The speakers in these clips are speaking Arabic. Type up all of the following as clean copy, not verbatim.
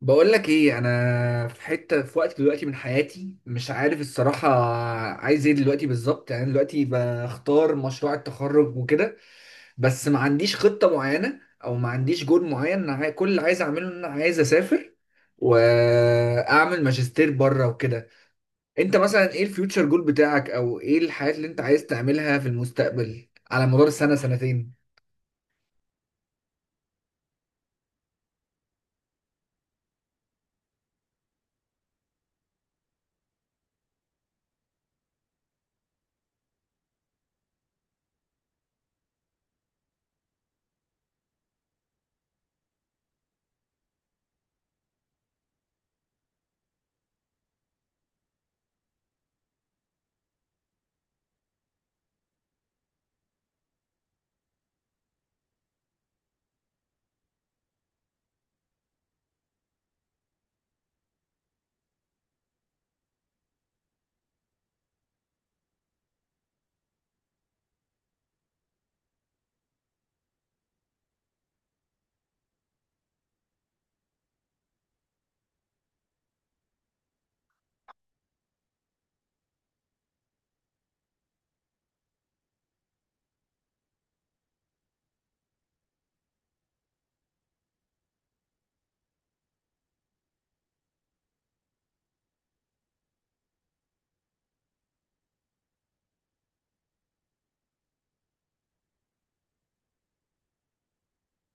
بقول لك ايه؟ انا في حته في وقت دلوقتي من حياتي مش عارف الصراحه عايز ايه دلوقتي بالظبط، يعني دلوقتي بختار مشروع التخرج وكده، بس ما عنديش خطه معينه او ما عنديش جول معين. انا كل اللي عايز اعمله ان انا عايز اسافر واعمل ماجستير بره وكده. انت مثلا ايه الفيوتشر جول بتاعك، او ايه الحاجات اللي انت عايز تعملها في المستقبل على مدار السنه سنتين؟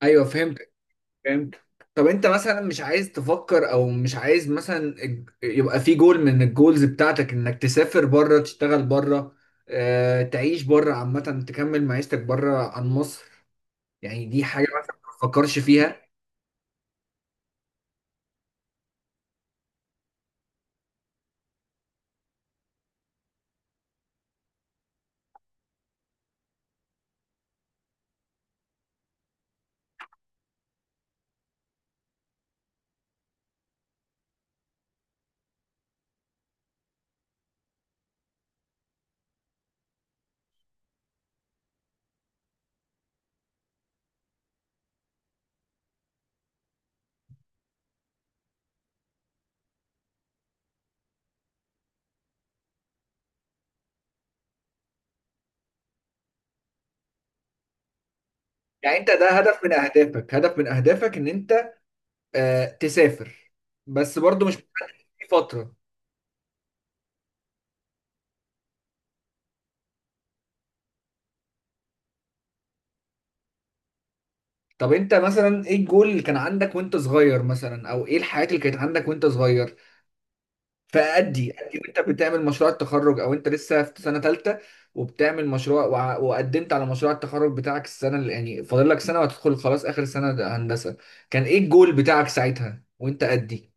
ايوه فهمت. فهمت. طب انت مثلا مش عايز تفكر او مش عايز مثلا يبقى في جول من الجولز بتاعتك انك تسافر بره، تشتغل بره، اه تعيش بره عامة، تكمل معيشتك بره عن مصر؟ يعني دي حاجة مثلا ما تفكرش فيها؟ يعني انت ده هدف من اهدافك، هدف من اهدافك ان انت اه تسافر، بس برضو مش مستني فترة. طب انت مثلا ايه الجول اللي كان عندك وانت صغير مثلا، او ايه الحاجات اللي كانت عندك وانت صغير؟ فأدي أدي وأنت بتعمل مشروع التخرج، أو أنت لسه في سنة تالتة وبتعمل مشروع وقدمت على مشروع التخرج بتاعك السنة اللي يعني فاضل لك سنة وهتدخل خلاص آخر سنة، ده هندسة. كان إيه الجول بتاعك ساعتها وأنت أدي؟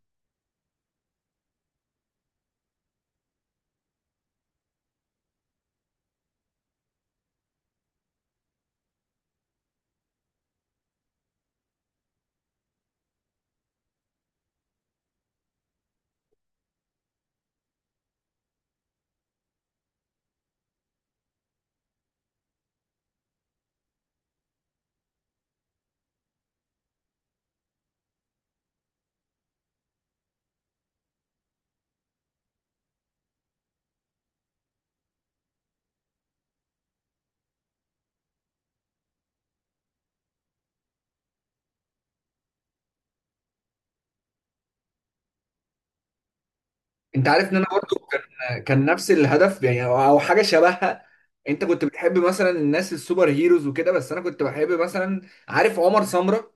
أنت عارف إن أنا برضو كان نفس الهدف، يعني أو حاجة شبهها. أنت كنت بتحب مثلا الناس السوبر هيروز وكده، بس أنا كنت بحب مثلا، عارف عمر سمرة؟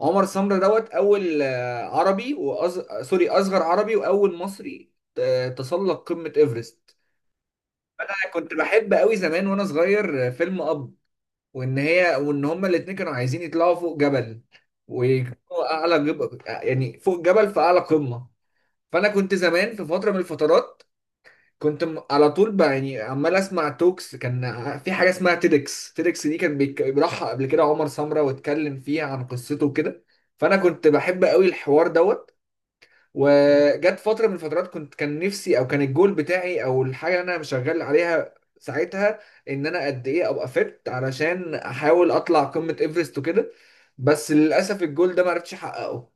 عمر سمرة دوت أول عربي سوري أصغر عربي وأول مصري تسلق قمة إيفرست. كنت بحب قوي زمان وانا صغير فيلم اب، وان هي هما الاتنين كانوا عايزين يطلعوا فوق جبل ويكونوا اعلى جبل، يعني فوق جبل في اعلى قمة. فانا كنت زمان في فترة من الفترات كنت على طول يعني عمال اسمع توكس، كان في حاجة اسمها تيدكس. تيدكس دي كان بيروحها قبل كده عمر سمرة واتكلم فيها عن قصته وكده، فانا كنت بحب قوي الحوار دوت. وجت فتره من الفترات كنت كان نفسي، او كان الجول بتاعي او الحاجه اللي انا شغال عليها ساعتها، ان انا قد ايه ابقى فت علشان احاول اطلع قمه ايفرست وكده، بس للاسف الجول ده ما عرفتش احققه.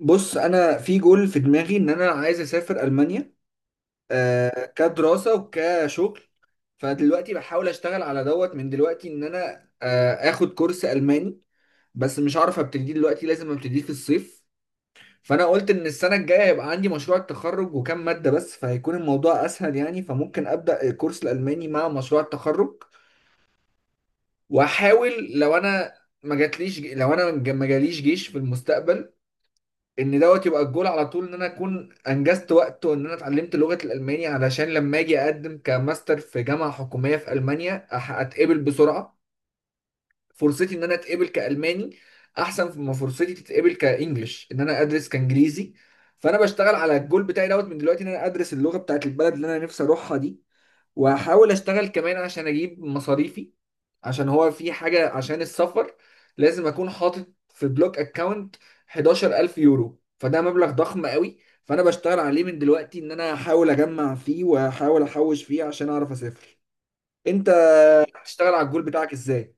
بص، انا في جول في دماغي ان انا عايز اسافر المانيا، آه كدراسه وكشغل. فدلوقتي بحاول اشتغل على دوت من دلوقتي ان انا اخد كورس الماني، بس مش عارف ابتدي دلوقتي لازم ابتدي في الصيف. فانا قلت ان السنه الجايه هيبقى عندي مشروع التخرج وكام ماده بس، فهيكون الموضوع اسهل يعني، فممكن ابدا الكورس الالماني مع مشروع التخرج. واحاول لو انا ما جاتليش، لو انا ما جاليش جيش في المستقبل، ان دوت يبقى الجول على طول ان انا اكون انجزت وقت وان انا اتعلمت لغه الالماني، علشان لما اجي اقدم كماستر في جامعه حكوميه في المانيا اتقبل بسرعه. فرصتي ان انا اتقبل كالماني احسن ما فرصتي تتقبل كانجلش ان انا ادرس كانجليزي. فانا بشتغل على الجول بتاعي دوت من دلوقتي ان انا ادرس اللغه بتاعت البلد اللي انا نفسي اروحها دي، واحاول اشتغل كمان عشان اجيب مصاريفي، عشان هو في حاجه عشان السفر لازم اكون حاطط في بلوك اكاونت 11,000 يورو، فده مبلغ ضخم قوي. فانا بشتغل عليه من دلوقتي ان انا احاول اجمع فيه واحاول احوش فيه عشان اعرف اسافر. انت بتشتغل على الجول بتاعك ازاي؟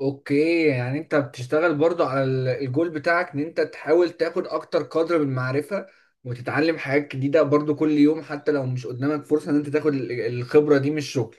اوكي، يعني انت بتشتغل برضو على الجول بتاعك ان انت تحاول تاخد اكتر قدر من المعرفة وتتعلم حاجات جديدة برضو كل يوم، حتى لو مش قدامك فرصة ان انت تاخد الخبرة دي من الشغل.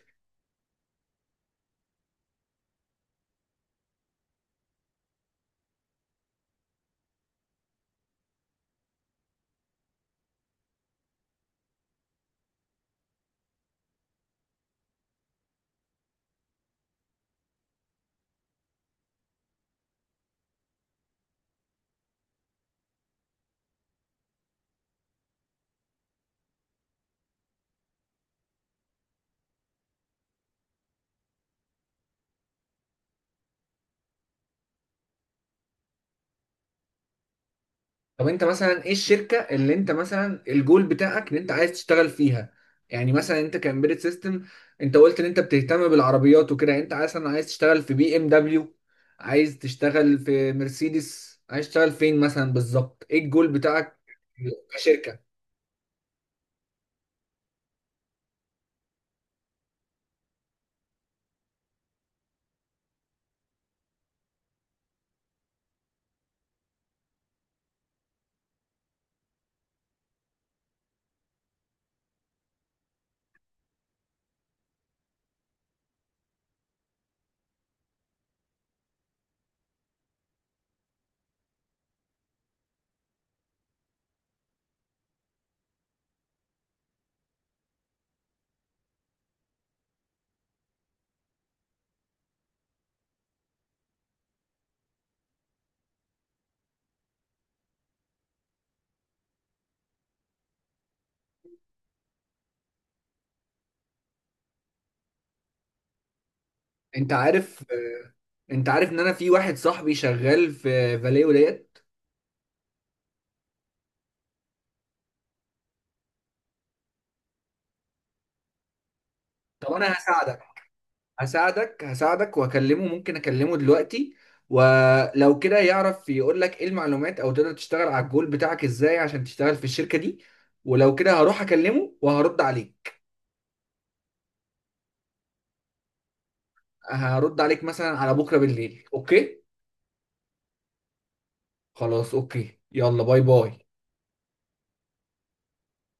طب انت مثلا ايه الشركة اللي انت مثلا الجول بتاعك ان انت عايز تشتغل فيها؟ يعني مثلا انت كامبيرت سيستم، انت قلت ان انت بتهتم بالعربيات وكده، يعني انت مثلا عايز تشتغل في بي ام دبليو، عايز تشتغل في مرسيدس، عايز تشتغل فين مثلا بالظبط؟ ايه الجول بتاعك كشركة؟ انت عارف، انت عارف ان انا في واحد صاحبي شغال في فاليو ديت؟ طب انا هساعدك، هساعدك واكلمه، ممكن اكلمه دلوقتي، ولو كده يعرف يقول لك ايه المعلومات او تقدر تشتغل على الجول بتاعك ازاي عشان تشتغل في الشركة دي. ولو كده هروح اكلمه وهرد عليك. هرد عليك مثلا على بكرة بالليل، اوكي؟ خلاص اوكي، يلا باي باي.